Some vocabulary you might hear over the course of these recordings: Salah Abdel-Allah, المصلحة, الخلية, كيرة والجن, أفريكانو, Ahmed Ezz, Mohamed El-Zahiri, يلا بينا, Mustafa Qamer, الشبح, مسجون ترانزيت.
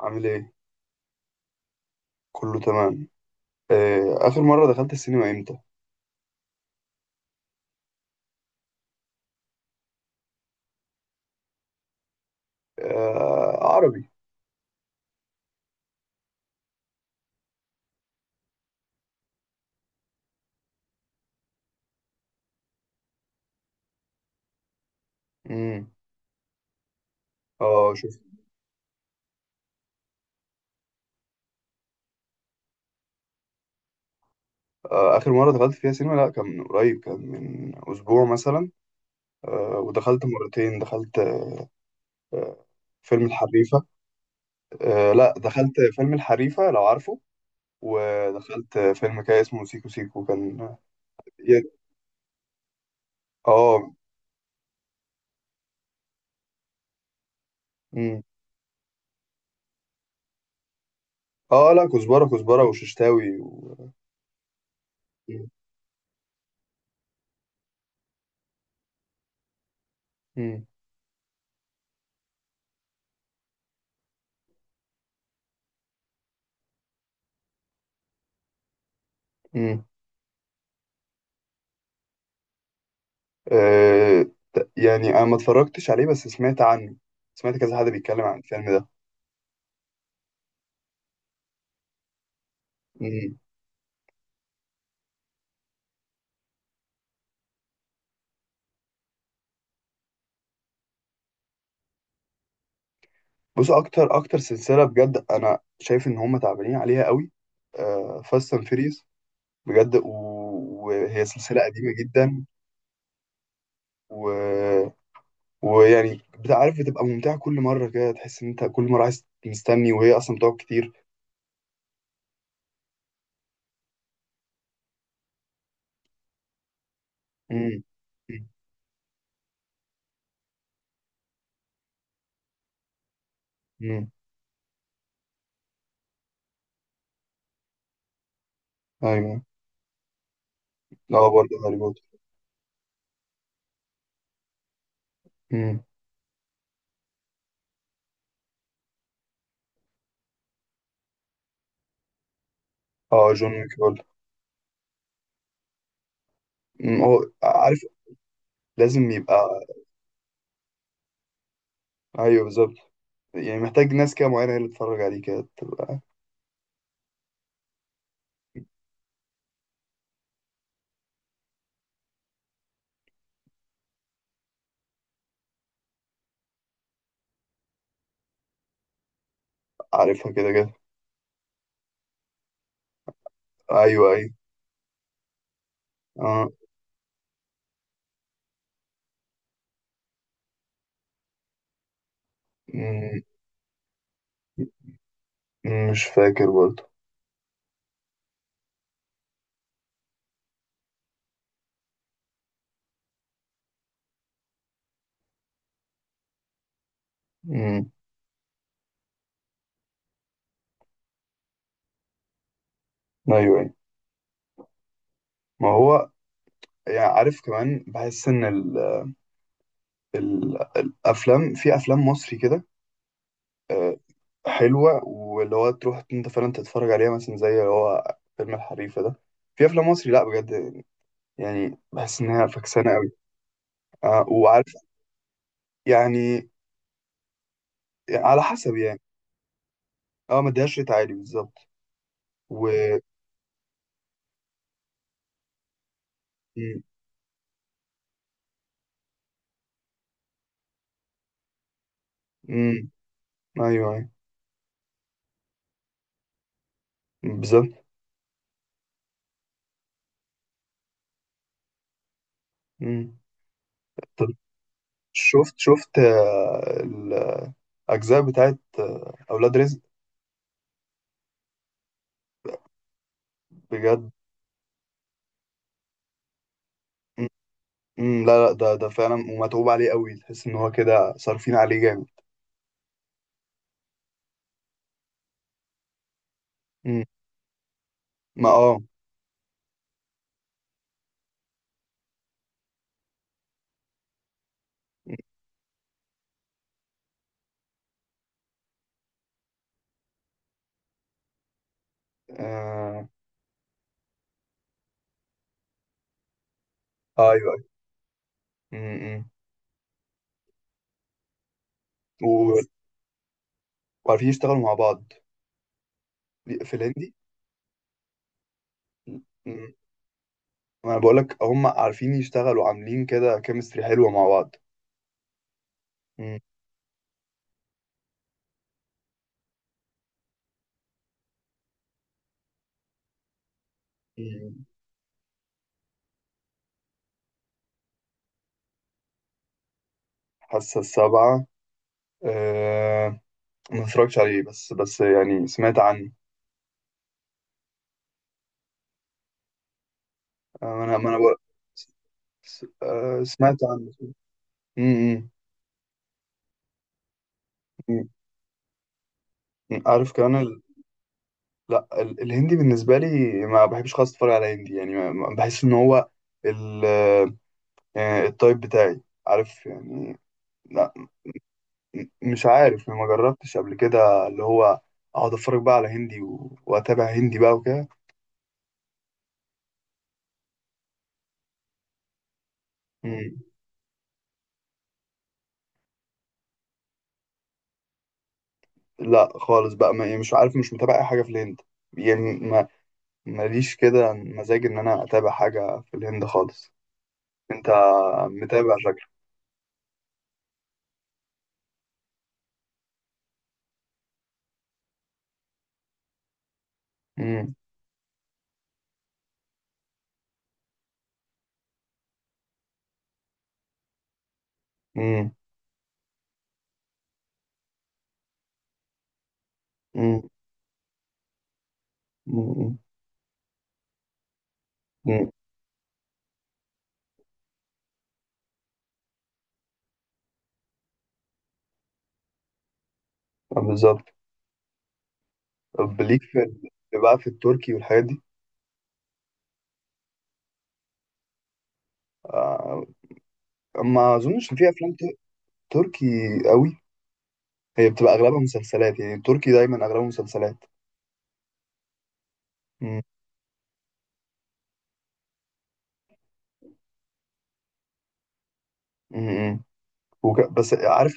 عامل ايه؟ كله تمام. آخر مرة دخلت السينما امتى؟ عربي. امم. اه، شوف. آخر مرة دخلت فيها سينما، لا كان من قريب، كان من أسبوع مثلا. ودخلت مرتين، دخلت آه، فيلم الحريفة. لا، دخلت فيلم الحريفة لو عارفه. ودخلت فيلم كده اسمه سيكو سيكو كان. اه. امم. اه لا، كزبرة كزبرة وششتاوي و... مم. مم. أه. يعني انا ما اتفرجتش عليه بس سمعت عنه. سمعت كذا حد بيتكلم عن الفيلم ده. مم. بص، اكتر اكتر سلسله بجد انا شايف ان هم تعبانين عليها قوي، أه، فاست اند فيريز. بجد، وهي سلسله قديمه جدا و... ويعني بتبقى عارف بتبقى ممتعه كل مره، كده تحس ان انت كل مره عايز مستني، وهي اصلا بتقعد كتير. مم. مم. مم. ايوه. اه، برضه هاري بوتر. مم. اه، جون ويك برضه. مم. هو عارف لازم يبقى. ايوه، بالظبط. يعني محتاج ناس كده معينة هي اللي تتفرج عليه كده تبقى. عارفها كده كده. أيوه أيوه. آه. مم. مش فاكر برضه. مم. أيوه أيوه. ما هو يعني عارف كمان، بحس إن ال ال الأفلام في أفلام مصري كده آه، حلوة، واللي هو تروح أنت فعلا تتفرج عليها مثلا زي اللي هو فيلم الحريفة ده. في أفلام مصري لأ بجد. يعني بحس إنها فكسانة أوي. آه، وعارف يعني، على حسب يعني. اه، ما اديهاش ريت عالي بالظبط. و، مم، مم، أيوه أيوه بالظبط. مم. طب، شفت الأجزاء بتاعت أولاد رزق. بجد. مم. مم. لا لا، ده ده فعلا ومتعوب عليه قوي، تحس إن هو كده صارفين عليه جامد. مم. ما اه. آه، أيوه أيوه. مم. مم. و- وعارفين يشتغلوا مع بعض في الهندي. مم. ما أنا بقولك هم عارفين يشتغلوا، عاملين كده كيمستري حلوة مع بعض. مم. مم. حاسة السبعة أه... ما اتفرجتش عليه، بس يعني سمعت عنه. انا ما انا بقى سمعت عنه. امم. عارف كمان ال... لا، ال... الهندي بالنسبه لي ما بحبش خالص اتفرج على هندي، يعني ما... بحس ان هو ال... التايب بتاعي. عارف يعني. لا. م- مش عارف، ما جربتش قبل كده اللي هو اقعد اتفرج بقى على هندي و... واتابع هندي بقى وكده. مم. لا خالص بقى ما... يعني مش عارف، مش متابع اي حاجه في الهند. يعني ما، ماليش كده مزاج ان انا اتابع حاجه في الهند خالص. انت متابع شكلك. امم. امم. امم. امم. امم. بالظبط. طب ليك في بقى في التركي والحاجات دي. آه، ما اظنش ان في افلام تركي قوي. هي بتبقى اغلبها مسلسلات، يعني التركي دايما اغلبها مسلسلات. امم. امم. وك... بس عارف،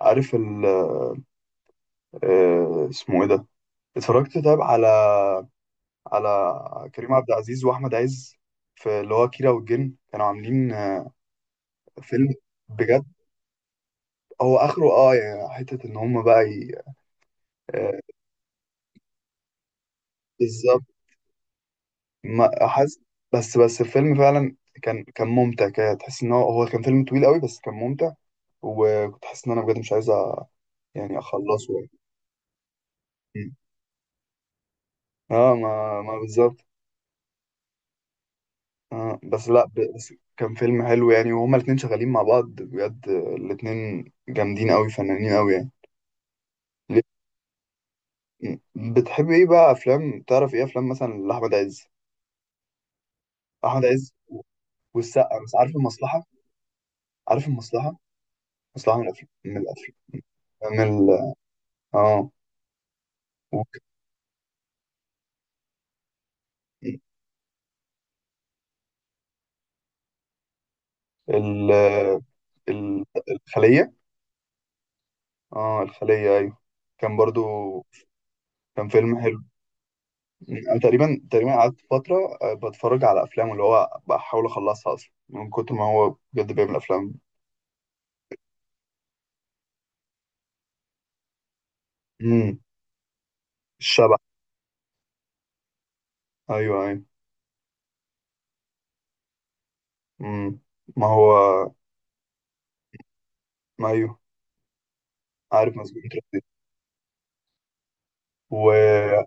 عارف ال... اسمه ايه ده، اتفرجت طيب على على كريم عبد العزيز واحمد عز في اللي هو كيرة والجن، كانوا عاملين فيلم. بجد. هو اخره اه يعني حته ان هم بقى ي... آه، بالظبط ما حاسس. بس الفيلم فعلا كان ممتع، كده تحس ان هو هو كان فيلم طويل قوي بس كان ممتع. وكنت حاسس ان انا بجد مش عايز يعني اخلصه يعني. مم. اه، ما بالظبط. آه بس لا، بس كان فيلم حلو، يعني وهما الاتنين شغالين مع بعض بجد، الاتنين جامدين قوي، فنانين قوي يعني. ليه؟ مم. بتحب ايه بقى افلام، تعرف ايه افلام مثلا لاحمد عز؟ احمد عز والسقا، بس عارف المصلحه. عارف المصلحه، اصل عامل افلام من الافلام، من ال- اه، وك- ال ال- الخليه. اه الخليه، ايوه. كان برضو كان فيلم حلو. انا تقريبا تقريبا قعدت فتره بتفرج على افلام، اللي هو بحاول اخلصها اصلا من كتر ما هو بجد بيعمل افلام. امم. الشبح. ايوه ايوه. امم. ما هو، ما ايوه، عارف مسجون ترانزيت. واللي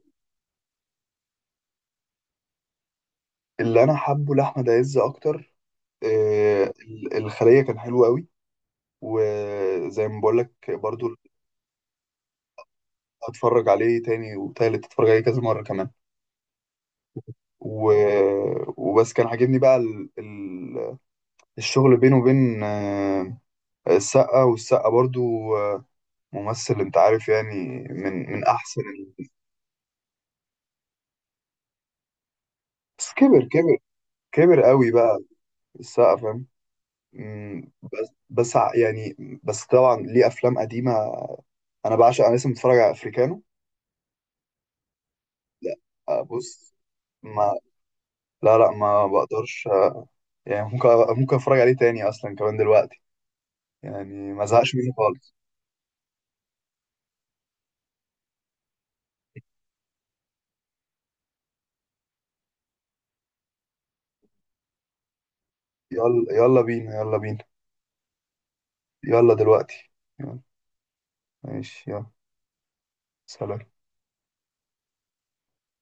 انا حابه لاحمد عز اكتر الخليه كان حلو قوي. وزي ما بقول لك برضو، اتفرج عليه تاني وتالت، اتفرج عليه كذا مرة كمان. و... وبس كان عاجبني بقى ال... ال... الشغل بينه وبين السقا. والسقا برضو آه، ممثل، انت عارف يعني، من من احسن بس كبر كبر. كبر قوي بقى السقا، فاهم. مم. بس يعني بس طبعا ليه افلام قديمة. انا بعشق، انا لسه متفرج على افريكانو. لا. بص، ما لا لا، ما بقدرش. يعني ممكن، ممكن اتفرج عليه تاني اصلا كمان دلوقتي. يعني ما زهقش منه خالص. يلا. يلا بينا، يلا بينا. يلا دلوقتي. يلا. ماشي، يلا. سلام.